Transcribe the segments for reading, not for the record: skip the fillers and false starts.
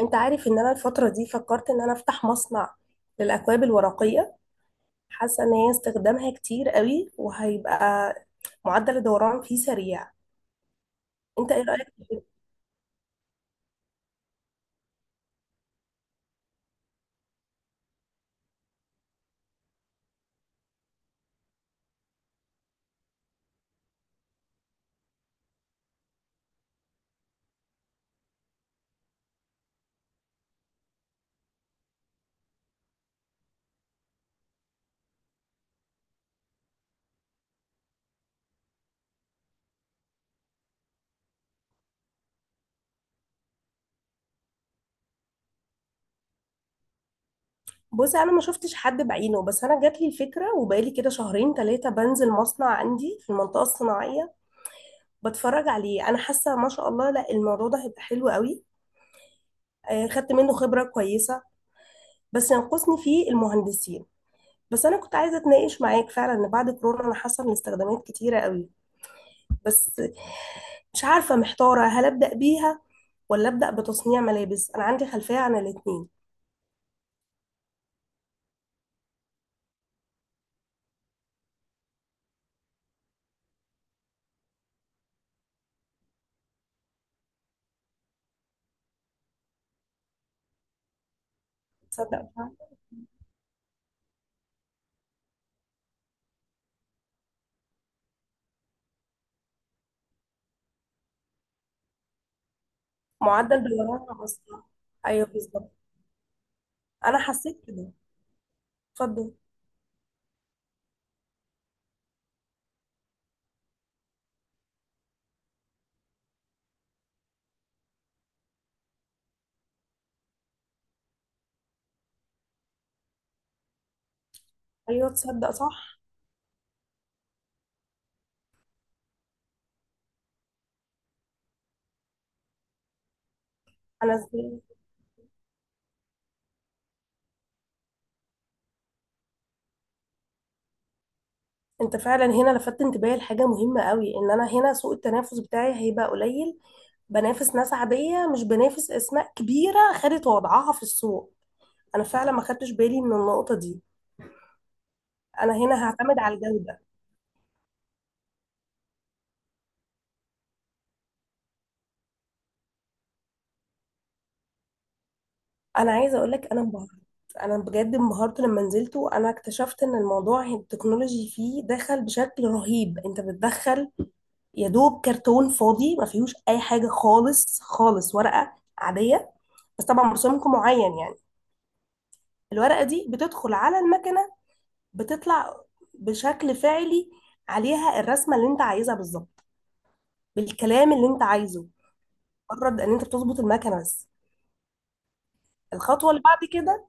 انت عارف ان انا الفترة دي فكرت ان انا افتح مصنع للاكواب الورقية. حاسة ان هي استخدامها كتير قوي وهيبقى معدل الدوران فيه سريع. انت ايه رأيك في كده؟ بص انا ما شفتش حد بعينه، بس انا جات لي الفكرة وبقالي كده شهرين ثلاثة بنزل مصنع عندي في المنطقة الصناعية بتفرج عليه. انا حاسة ما شاء الله لا الموضوع ده هيبقى حلو قوي. خدت منه خبرة كويسة، بس ينقصني فيه المهندسين. بس انا كنت عايزة اتناقش معاك فعلا ان بعد كورونا انا حاسة ان الاستخدامات كتيرة قوي. بس مش عارفة، محتارة هل أبدأ بيها ولا أبدأ بتصنيع ملابس. أنا عندي خلفية عن الاتنين. تصدق فعلا؟ معدل بلغتها أصلا. أيوه بالظبط. أنا حسيت كده. اتفضل. أيوه تصدق، صح. أنا إزاي. أنت فعلا هنا لفت انتباهي لحاجة مهمة قوي، إن أنا هنا سوق التنافس بتاعي هيبقى قليل. بنافس ناس عادية، مش بنافس أسماء كبيرة خدت وضعها في السوق. أنا فعلا ما خدتش بالي من النقطة دي. أنا هنا هعتمد على الجودة. انا عايزه اقول لك انا انبهرت. انا بجد انبهرت لما نزلت وانا اكتشفت ان الموضوع التكنولوجي فيه دخل بشكل رهيب. انت بتدخل يا دوب كرتون فاضي ما فيهوش اي حاجه خالص خالص، ورقه عاديه، بس طبعا برسومكم معين يعني. الورقه دي بتدخل على المكنه، بتطلع بشكل فعلي عليها الرسمه اللي انت عايزها بالظبط، بالكلام اللي انت عايزه. مجرد ان انت بتظبط المكنه بس. الخطوه اللي بعد كده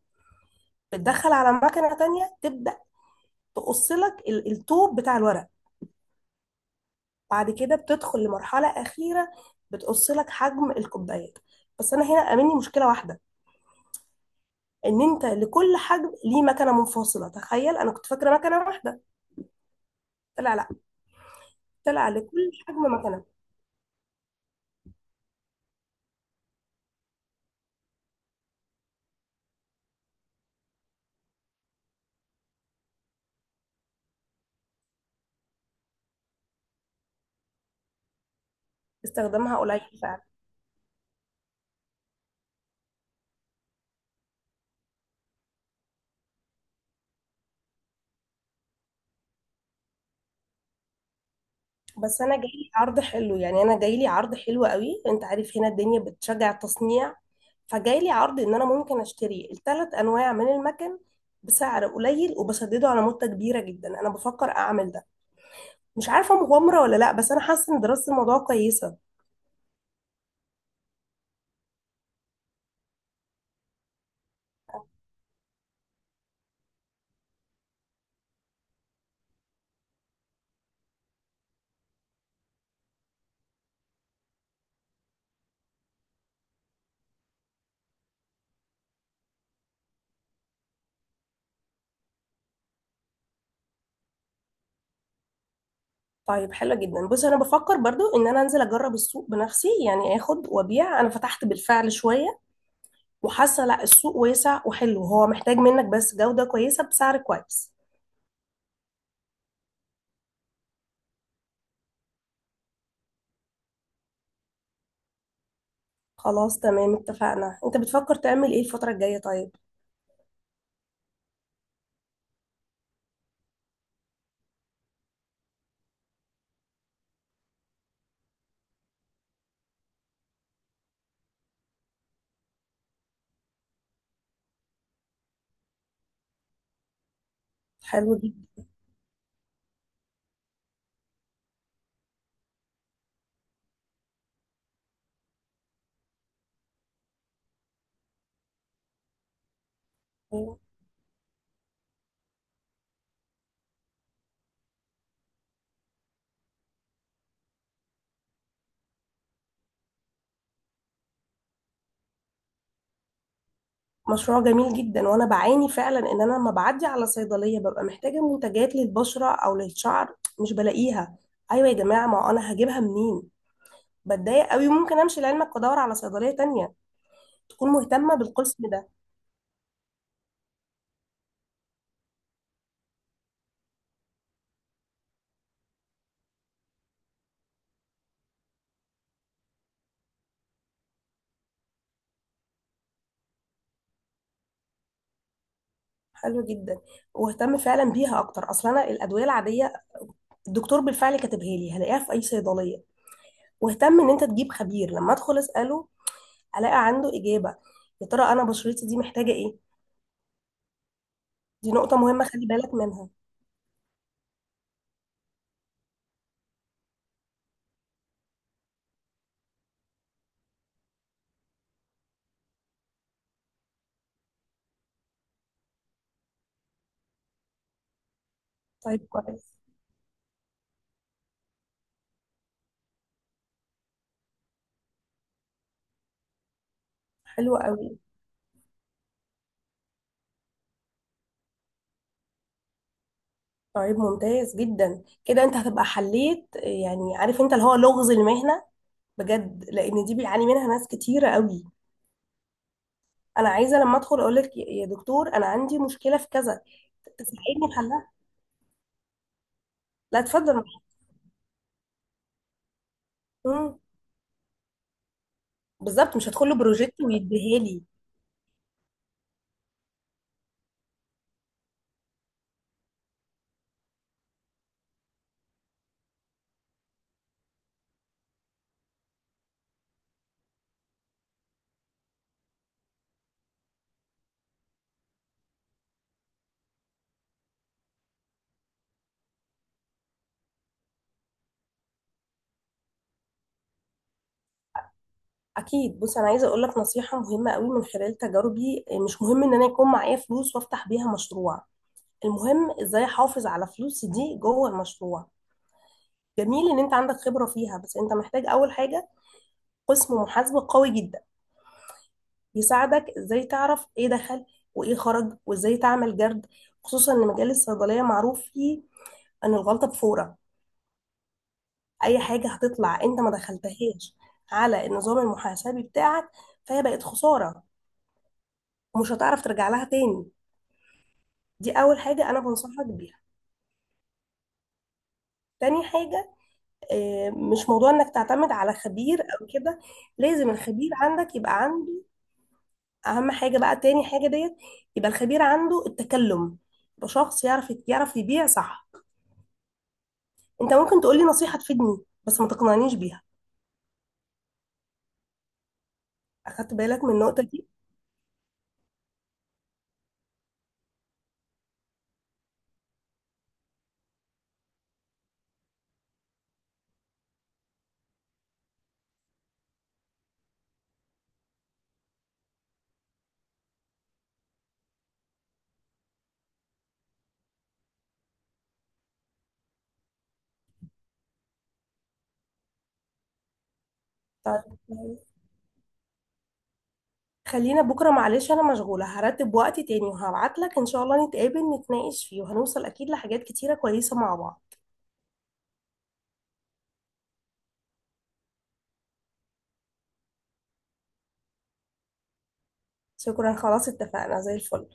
بتدخل على مكنه تانية، تبدا تقص لك الطوب بتاع الورق. بعد كده بتدخل لمرحلة أخيرة، بتقص لك حجم الكوبايات. بس أنا هنا قابلني مشكلة واحدة، إن أنت لكل حجم ليه مكنة منفصلة. تخيل أنا كنت فاكرة مكنة واحدة، طلع لأ. طلع لكل حجم مكنة. استخدامها قليل فعلا. بس أنا جايلي عرض حلو، يعني أنا جايلي عرض حلو قوي. أنت عارف هنا الدنيا بتشجع التصنيع، فجايلي عرض إن أنا ممكن أشتري الثلاث أنواع من المكن بسعر قليل وبسدده على مدة كبيرة جدا. أنا بفكر أعمل ده. مش عارفة مغامرة ولا لا، بس أنا حاسة إن دراسة الموضوع كويسة. طيب حلو جدا. بص أنا بفكر برضو إن أنا أنزل أجرب السوق بنفسي، يعني آخد وأبيع. أنا فتحت بالفعل شوية وحاسة لا السوق واسع وحلو، هو محتاج منك بس جودة كويسة بسعر كويس. خلاص تمام، اتفقنا. أنت بتفكر تعمل إيه الفترة الجاية؟ طيب حلو جدا. مشروع جميل جدا، وأنا بعاني فعلا إن أنا لما بعدي على صيدلية ببقى محتاجة منتجات للبشرة أو للشعر، مش بلاقيها. أيوة يا جماعة، ما أنا هجيبها منين؟ بتضايق قوي. ممكن امشي لعلمك وادور على صيدليه تانية تكون مهتمه بالقسم ده. حلو جدا. واهتم فعلا بيها اكتر، اصلا انا الادويه العاديه الدكتور بالفعل كاتبها لي هلاقيها في اي صيدليه. واهتم ان انت تجيب خبير لما ادخل اساله الاقي عنده اجابه. يا ترى انا بشرتي دي محتاجه ايه. دي نقطه مهمه، خلي بالك منها. طيب كويس. حلو قوي. طيب ممتاز جدا. كده انت هتبقى حليت يعني عارف انت اللي هو لغز المهنه، بجد، لان دي بيعاني منها ناس كتيره قوي. انا عايزه لما ادخل اقول لك يا دكتور انا عندي مشكله في كذا، تساعدني في حلها. لا اتفضل. مم. بالظبط، مش هدخل له بروجكت ويديها لي. اكيد. بص انا عايزه اقول لك نصيحه مهمه قوي من خلال تجاربي، مش مهم ان انا يكون معايا فلوس وافتح بيها مشروع. المهم ازاي احافظ على فلوسي دي جوه المشروع. جميل ان انت عندك خبره فيها، بس انت محتاج اول حاجه قسم محاسبه قوي جدا، يساعدك ازاي تعرف ايه دخل وايه خرج وازاي تعمل جرد. خصوصا ان مجال الصيدليه معروف فيه ان الغلطه بفوره. اي حاجه هتطلع انت ما دخلتهاش على النظام المحاسبي بتاعك، فهي بقت خساره، ومش هتعرف ترجع لها تاني. دي اول حاجه انا بنصحك بيها. تاني حاجة، مش موضوع انك تعتمد على خبير او كده. لازم الخبير عندك يبقى عنده اهم حاجة. بقى تاني حاجة ديت، يبقى الخبير عنده التكلم، يبقى شخص يعرف يبيع صح. انت ممكن تقولي نصيحة تفيدني، بس ما تقنعنيش بيها. اخدت بالك من النقطة دي؟ طيب خلينا بكرة، معلش أنا مشغولة. هرتب وقت تاني وهبعتلك إن شاء الله، نتقابل نتناقش فيه وهنوصل أكيد لحاجات كتيرة كويسة مع بعض. شكرا، خلاص اتفقنا زي الفل.